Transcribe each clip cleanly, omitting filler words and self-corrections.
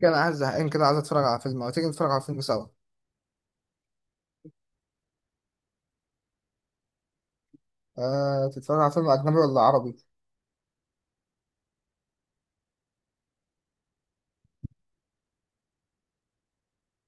كان عايز زهقان كده، عايز اتفرج على فيلم. او تيجي نتفرج على فيلم سوا. آه، تتفرج على فيلم اجنبي ولا عربي؟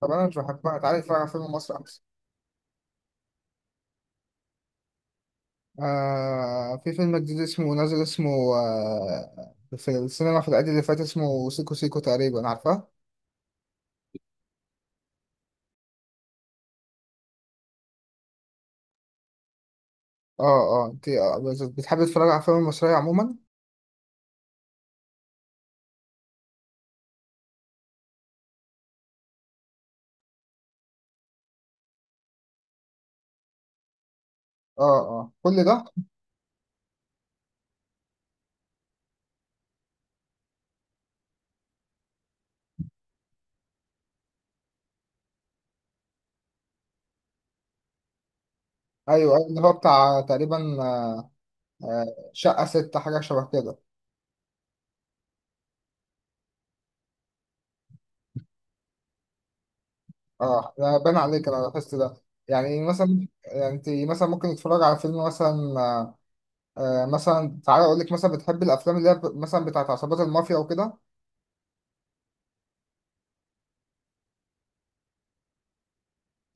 طب انا مش بحبها، تعالى نتفرج على فيلم مصري احسن. آه، في فيلم جديد اسمه نازل، اسمه آه، في السينما في العيد اللي فات، اسمه سيكو سيكو تقريبا، عارفاه؟ اه. اه انت بتحب تتفرج على فيلم مصرية عموما؟ اه اه، كل ده. ايوه اللي هو بتاع تقريبا. آه. آه، شقة ستة، حاجة شبه كده. اه، ده بان عليك، انا لاحظت ده. يعني مثلا، يعني انت مثلا ممكن تتفرج على فيلم مثلا مثلا تعالى اقول لك، مثلا بتحب الافلام اللي هي مثلا بتاعت عصابات المافيا وكده؟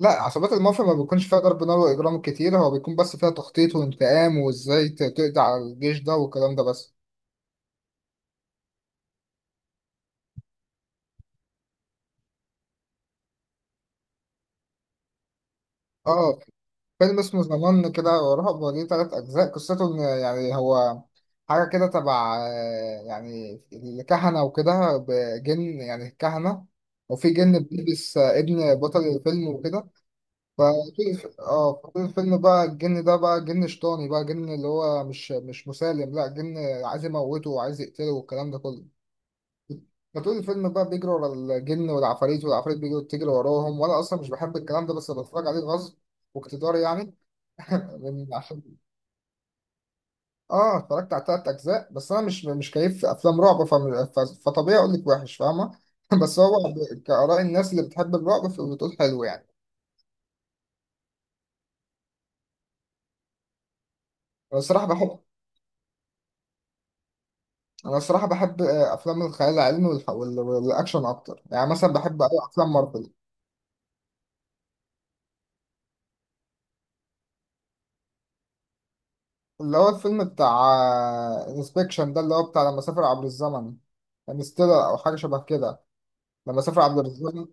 لا، عصابات المافيا ما بيكونش فيها ضرب نار واجرام كتير، هو بيكون بس فيها تخطيط وانتقام وازاي تقضي على الجيش ده والكلام ده بس. اه، فيلم اسمه زمان كده ورهب، وليه تلات اجزاء. قصته ان يعني هو حاجه كده تبع يعني الكهنه وكده، بجن يعني الكهنه. وفي جن بيلبس ابن بطل الفيلم وكده. فطول الفيلم بقى الجن ده بقى جن شيطاني، بقى جن اللي هو مش مسالم. لا جن عايز يموته وعايز يقتله والكلام ده كله. فطول الفيلم بقى بيجري ورا الجن والعفاريت، والعفاريت بيجروا تجري وراهم. وانا اصلا مش بحب الكلام ده بس بتفرج عليه غصب واقتدار يعني، من عشان. اه، اتفرجت على تلات اجزاء، بس انا مش كيف افلام رعب فطبيعي اقول لك وحش، فاهمه؟ بس هو كآراء الناس اللي بتحب الرعب فبتقول حلو يعني. انا الصراحه بحب انا الصراحه بحب افلام الخيال العلمي والاكشن اكتر. يعني مثلا بحب أوي افلام مارفل. اللي هو الفيلم بتاع انسبكشن ده، اللي هو بتاع لما سافر عبر الزمن. انستيلر او حاجه شبه كده، لما سافر عبر الزمن.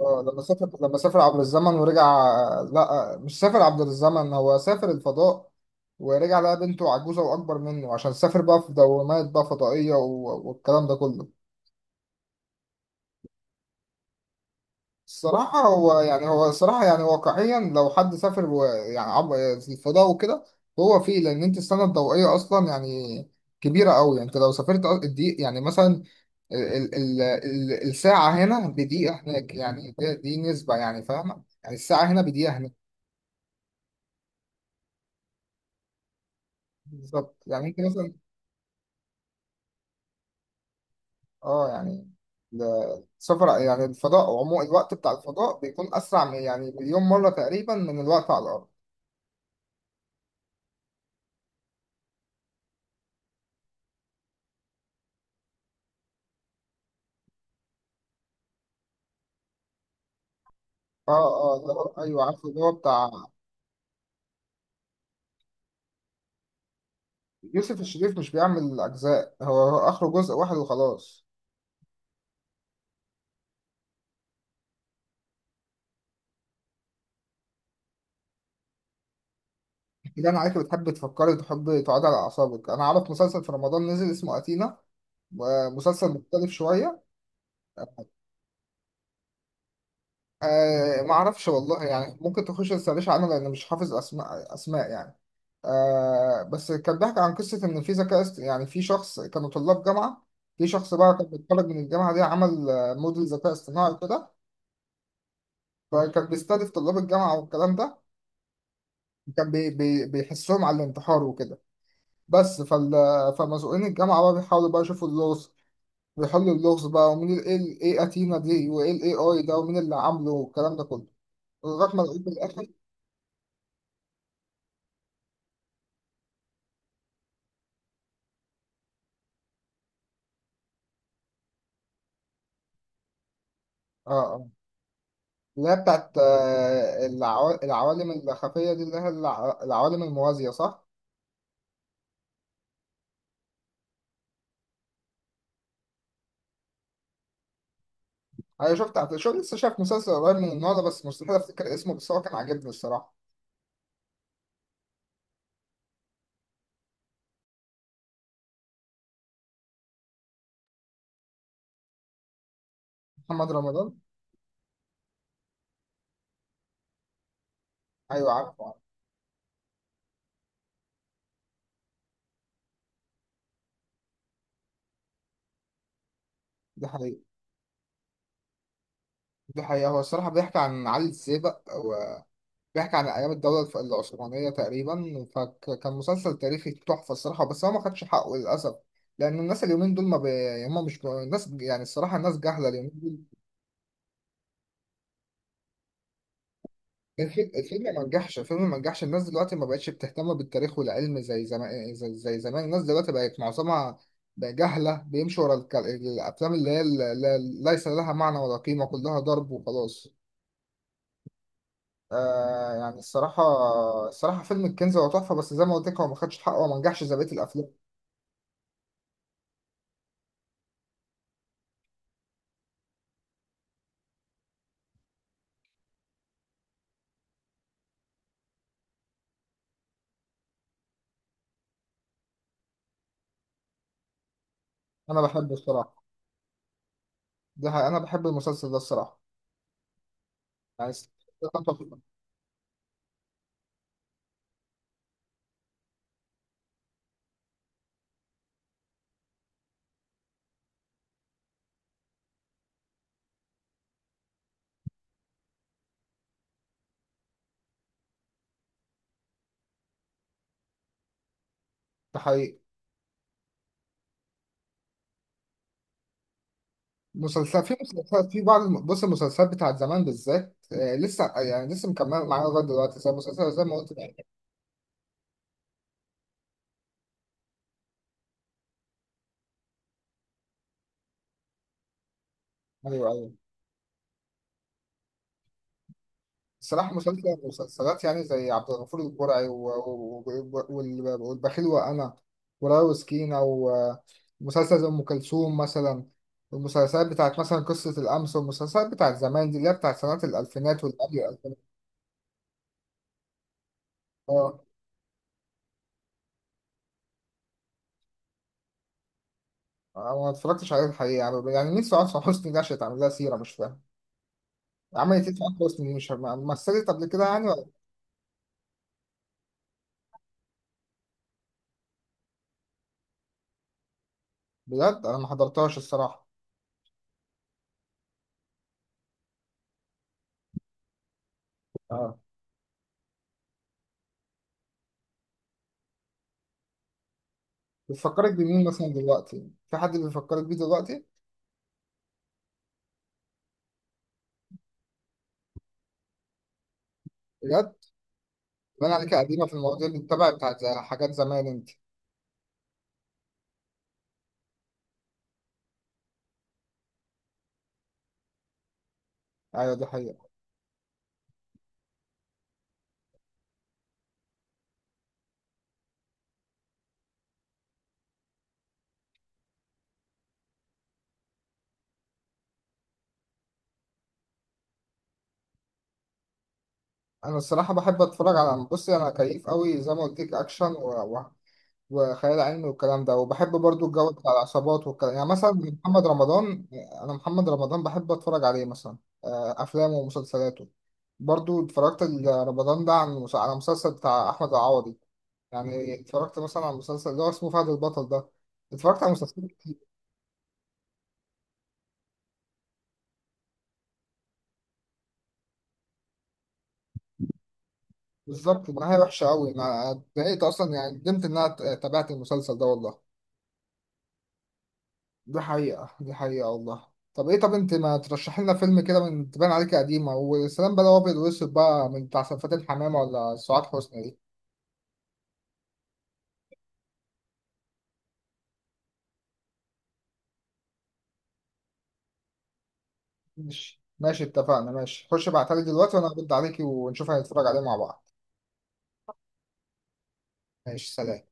اه لما سافر، لما سافر عبر الزمن ورجع آه، لا آه، مش سافر عبر الزمن، هو سافر الفضاء ورجع لقى بنته عجوزه واكبر منه، عشان سافر بقى في دوامات بقى فضائيه والكلام ده كله. الصراحة هو يعني هو الصراحة يعني واقعيا لو حد سافر يعني في الفضاء وكده، هو فيه. لأن أنت السنة الضوئية أصلا يعني كبيرة أوي. يعني أنت لو سافرت الدقيق يعني مثلا ال ال ال الساعة هنا بدقيقة هناك. يعني دي نسبة يعني، فاهمة؟ يعني الساعة هنا بدقيقة هناك. بالظبط، يعني أنت مثلا. أه يعني ال- السفر يعني الفضاء عموما، الوقت بتاع الفضاء بيكون أسرع من يعني مليون مرة تقريبا من الوقت على الأرض. اه، اه اللي ايوه عارف، اللي هو بتاع يوسف الشريف. مش بيعمل أجزاء، هو هو آخره جزء واحد وخلاص. كده أنا عليك بتحب تفكري وتحب تقعدي على أعصابك. أنا أعرف مسلسل في رمضان نزل، اسمه أتينا، مسلسل مختلف شوية. آه، ما أعرفش والله، يعني ممكن تخش تسأليش عنه، لأن مش حافظ أسماء يعني. آه، بس كان بيحكي عن قصة إن في ذكاء يعني في شخص، كانوا طلاب جامعة. في شخص بقى كان بيتخرج من الجامعة دي، عمل موديل ذكاء اصطناعي كده، فكان بيستهدف طلاب الجامعة والكلام ده. كان بي بي بيحسهم على الانتحار وكده. بس فال... فمسؤولين الجامعة بقى بيحاولوا بقى يشوفوا اللغز، بيحلوا اللغز بقى ومين ال إيه ايه أتينا دي، وايه الاي اي ده، ومين اللي عامله والكلام ده كله، لغاية ما لقيت في الآخر. اه، اه اللي هي بتاعت العوالم الخفية دي، اللي هي العوالم الموازية، صح؟ أنا شفت على شو، لسه شايف مسلسل قريب من النوع ده بس مستحيل أفتكر اسمه، بس هو كان عاجبني الصراحة. محمد رمضان. أيوه عارفه عارفه. دي حقيقة. دي حقيقة، هو الصراحة بيحكي عن علي السيبق، بيحكي عن أيام الدولة العثمانية تقريبا، فكان مسلسل تاريخي تحفة الصراحة، بس هو ما خدش حقه للأسف. لأن الناس اليومين دول ما بي... يعني هم مش ب- الناس يعني الصراحة الناس جاهلة اليومين دول. الفيلم ما نجحش، الفيلم ما نجحش. الناس دلوقتي ما بقتش بتهتم بالتاريخ والعلم زي زمان، زي زمان. الناس دلوقتي بقت معظمها بقى جاهلة، بيمشوا ورا الك... الأفلام اللي هي ليس لها معنى ولا قيمة، كلها ضرب وخلاص. آه يعني الصراحة، الصراحة فيلم الكنز هو تحفة، بس زي ما قلت لك هو ما خدش حقه وما نجحش زي بقية الأفلام. انا بحبه الصراحه. ده حقيقة. انا بحب المسلسل ده الصراحه، يعني ده حقيقي. مسلسل في مسلسلات في بعض بص، المسلسلات بتاعت زمان بالذات آه لسه، يعني لسه مكمله معايا لغايه دلوقتي، زي مسلسل زي ما قلت لك. ايوه ايوه، الصراحه مسلسل مسلسلات يعني زي عبد الغفور البرعي والبخيل وانا ورايا وسكينه، ومسلسل زي ام كلثوم مثلا. المسلسلات بتاعت مثلا قصه الامس، والمسلسلات بتاعت زمان دي اللي هي بتاعت سنوات الالفينات واللي قبل الالفينات. انا ما اتفرجتش عليه الحقيقه، يعني نفسي اعرف حسني دي عشان تعمل لها سيره، مش فاهم عملت ايه في عمرو حسني دي، مش فاهم. مثلت قبل كده يعني ولا... بجد انا ما حضرتهاش الصراحه. اه، بتفكرك بمين مثلا؟ دلوقتي في حد بيفكرك بيه دلوقتي؟ بجد باين عليك قديمه في المواضيع اللي بتتابع، بتاعت زي حاجات زمان انت. ايوه، دي حقيقه. انا الصراحه بحب اتفرج على، بصي انا كيف قوي زي ما قلت لك اكشن وخيال علمي والكلام ده. وبحب برضو الجو بتاع العصابات والكلام، يعني مثلا محمد رمضان. انا محمد رمضان بحب اتفرج عليه مثلا، افلامه ومسلسلاته. برضو اتفرجت رمضان ده عن على مسلسل بتاع احمد العوضي. يعني اتفرجت مثلا على المسلسل اللي هو اسمه فهد البطل ده، اتفرجت على مسلسل. بالظبط، النهايه وحشه قوي، انا اتضايقت اصلا، يعني ندمت ان انا تابعت المسلسل ده والله. دي حقيقة، دي حقيقة والله. طب ايه، طب انت ما ترشح لنا فيلم كده، من تبان عليك قديمة والسلام بقى، لو ابيض واسود بقى من بتاع سلفات الحمامة ولا سعاد حسني دي. ماشي ماشي، اتفقنا. ماشي خش ابعتها لي دلوقتي وانا هرد عليكي ونشوف هنتفرج عليه مع بعض. ماشي، سلام.